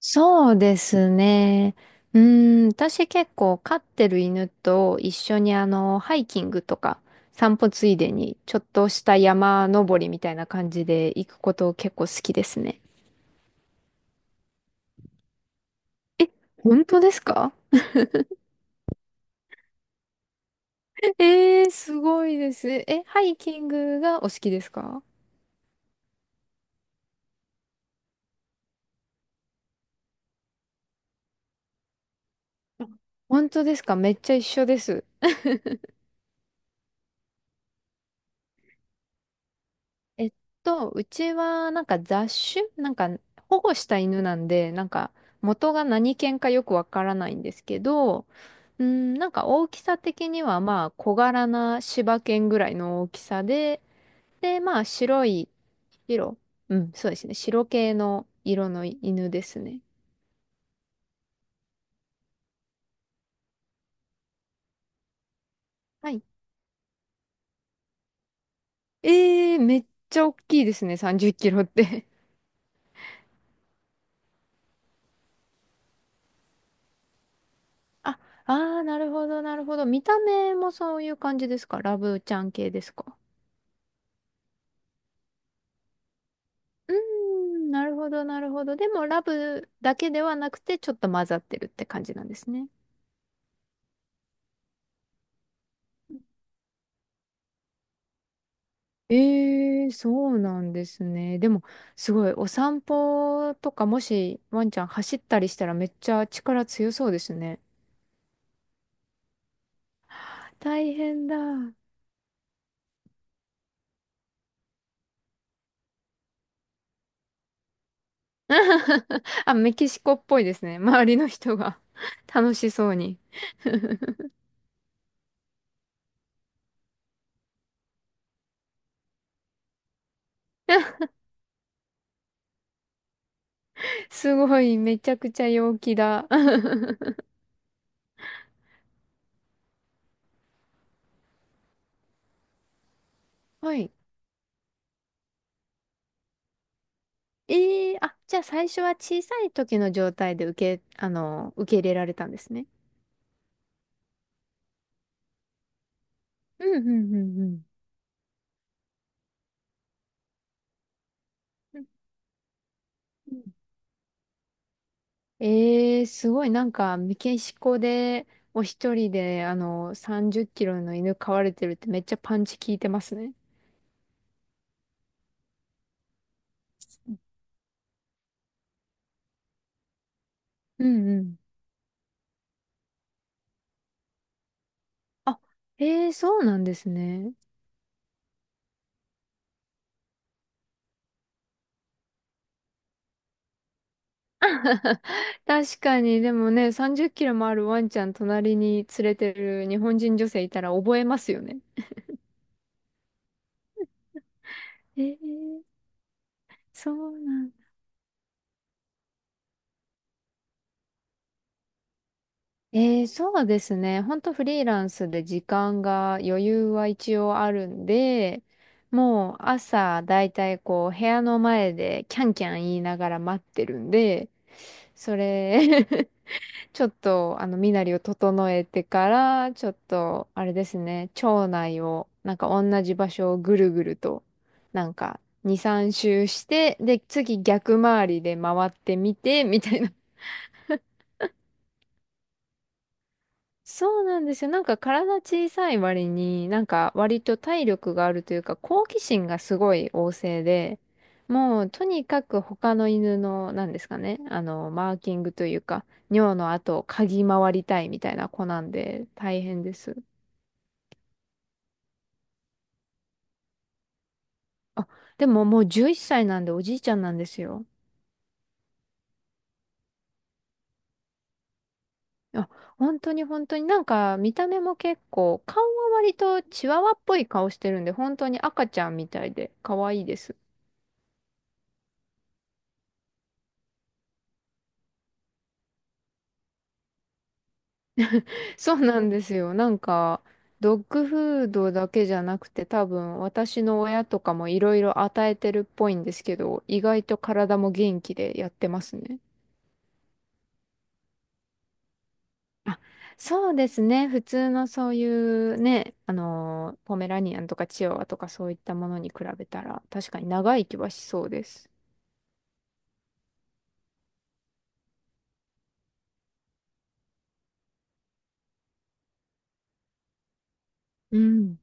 そうですね。私結構飼ってる犬と一緒にハイキングとか散歩ついでにちょっとした山登りみたいな感じで行くこと結構好きですね。え、本当ですか？えー、すごいです。え、ハイキングがお好きですか？本当ですか？めっちゃ一緒です。えっうちはなんか雑種、なんか保護した犬なんで、なんか元が何犬かよくわからないんですけど、うん、なんか大きさ的にはまあ小柄な柴犬ぐらいの大きさで、で、まあ白い、白、うん、そうですね、白系の色の犬ですね。はい。えー、めっちゃ大きいですね、30キロって。 あ、あー、なるほど、なるほど。見た目もそういう感じですか？ラブちゃん系ですか？うーん、なるほど、なるほど。でも、ラブだけではなくて、ちょっと混ざってるって感じなんですね。ええ、そうなんですね。でも、すごい、お散歩とか、もし、ワンちゃん走ったりしたら、めっちゃ力強そうですね。大変だ。あ、メキシコっぽいですね。周りの人が 楽しそうに。すごい、めちゃくちゃ陽気だ。はい。ええ、あ、じゃあ最初は小さい時の状態で受け入れられたんですね。うん、うん、うん、うん。うんうん、ええ、すごい、なんか、メキシコで、お一人で、30キロの犬飼われてるってめっちゃパンチ効いてますね。うんうん。あ、ええ、そうなんですね。確かに、でもね、30キロもあるワンちゃん隣に連れてる日本人女性いたら覚えますよね。ええ、そうなん、えー、そうですね。ほんとフリーランスで時間が余裕は一応あるんで、もう朝だいたいこう部屋の前でキャンキャン言いながら待ってるんで、それ ちょっと身なりを整えてから、ちょっとあれですね、町内をなんか同じ場所をぐるぐると、なんか2、3周して、で次逆回りで回ってみてみたいな。そうなんですよ。なんか体小さい割に、なんか割と体力があるというか、好奇心がすごい旺盛で、もうとにかく他の犬の、なんですかね、マーキングというか、尿の跡を嗅ぎ回りたいみたいな子なんで、大変です。あ、でももう11歳なんでおじいちゃんなんですよ。あ、本当に、本当になんか見た目も結構、顔は割とチワワっぽい顔してるんで、本当に赤ちゃんみたいで可愛いです。そうなんですよ。なんか、ドッグフードだけじゃなくて、多分私の親とかもいろいろ与えてるっぽいんですけど、意外と体も元気でやってますね。あ、そうですね。普通のそういうね、ポメラニアンとかチワワとかそういったものに比べたら、確かに長生きはしそうです。うん。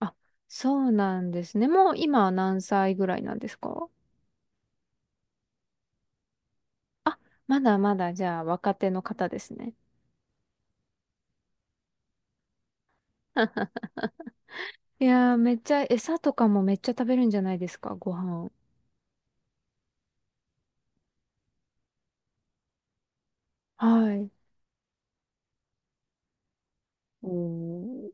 あ、そうなんですね。もう今は何歳ぐらいなんですか？あ、まだまだじゃあ若手の方ですね。いやー、めっちゃ、餌とかもめっちゃ食べるんじゃないですか、ご飯。はい。おー。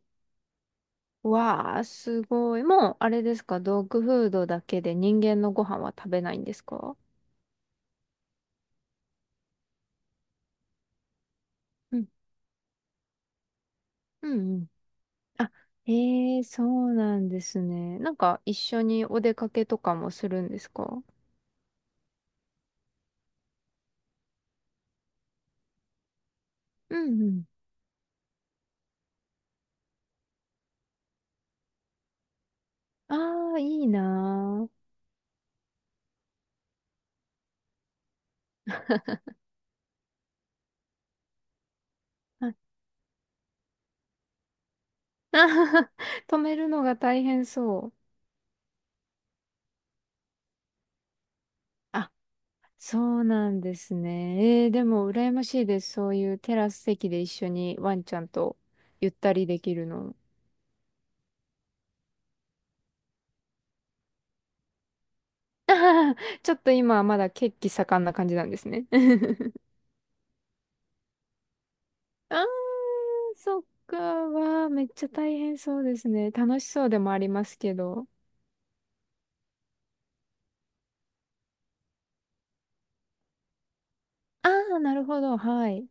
わー、すごい。もう、あれですか、ドッグフードだけで人間のご飯は食べないんですか？うん。うんうん。あ、えー、そうなんですね。なんか、一緒にお出かけとかもするんですか？うんうん。あー、いいなー。あ 止めるのが大変そう。あ、そうなんですね。えー、でも羨ましいです。そういうテラス席で一緒にワンちゃんとゆったりできるの。あはは、ちょっと今はまだ血気盛んな感じなんですね。あー、そっか。わー、めっちゃ大変そうですね。楽しそうでもありますけど。ああ、なるほど。はい。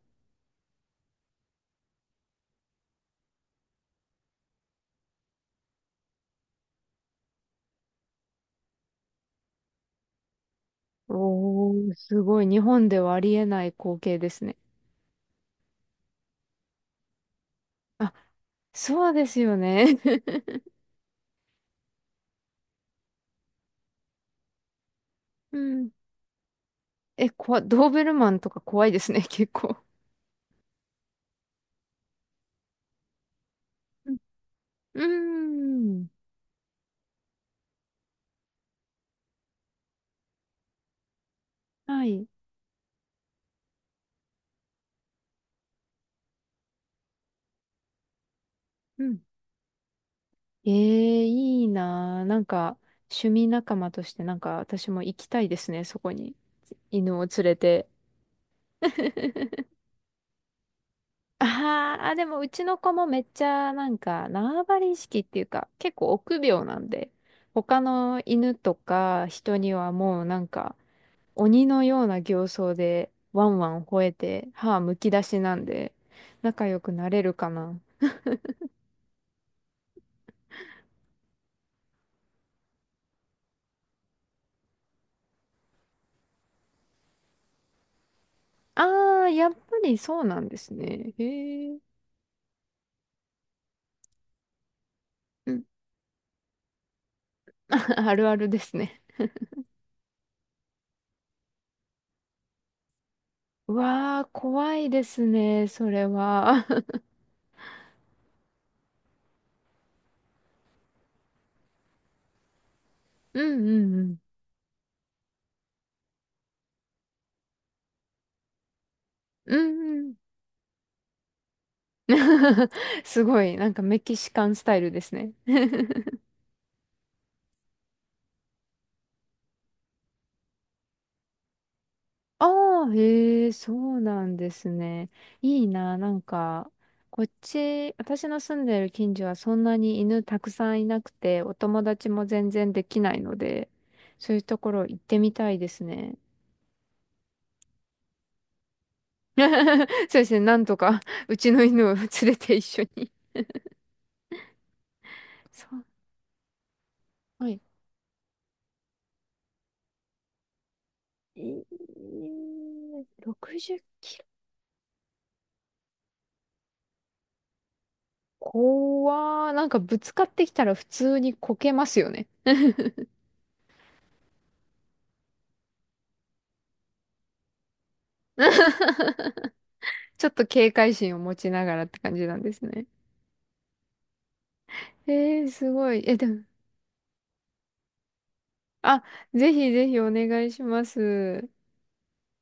おー、すごい。日本ではありえない光景ですね。あ、そうですよね。うん。え、こわ、ドーベルマンとか怖いですね、結構。うーん。はい。うん。ええ、いいなあ。なんか、趣味仲間として、なんか、私も行きたいですね、そこに。犬を連れて。あーあ、でも、うちの子もめっちゃ、なんか、縄張り意識っていうか、結構臆病なんで、他の犬とか人にはもう、なんか、鬼のような形相で、ワンワン吠えて、歯むき出しなんで、仲良くなれるかな。ああ、やっぱりそうなんですね。へえ。うん。あるあるですね。うわあ、怖いですね、それは。うんうんうん。うんうん。すごい、なんかメキシカンスタイルですね。ああ、へえ、そうなんですね。いいな、なんか、こっち、私の住んでる近所はそんなに犬たくさんいなくて、お友達も全然できないので、そういうところ行ってみたいですね。そうですね、なんとか、うちの犬を連れて一緒に。そう、はい。えー、60キロ。怖ー。なんかぶつかってきたら普通にこけますよね。ちょっと警戒心を持ちながらって感じなんですね。えー、すごい。え、でも、あ、ぜひぜひお願いします。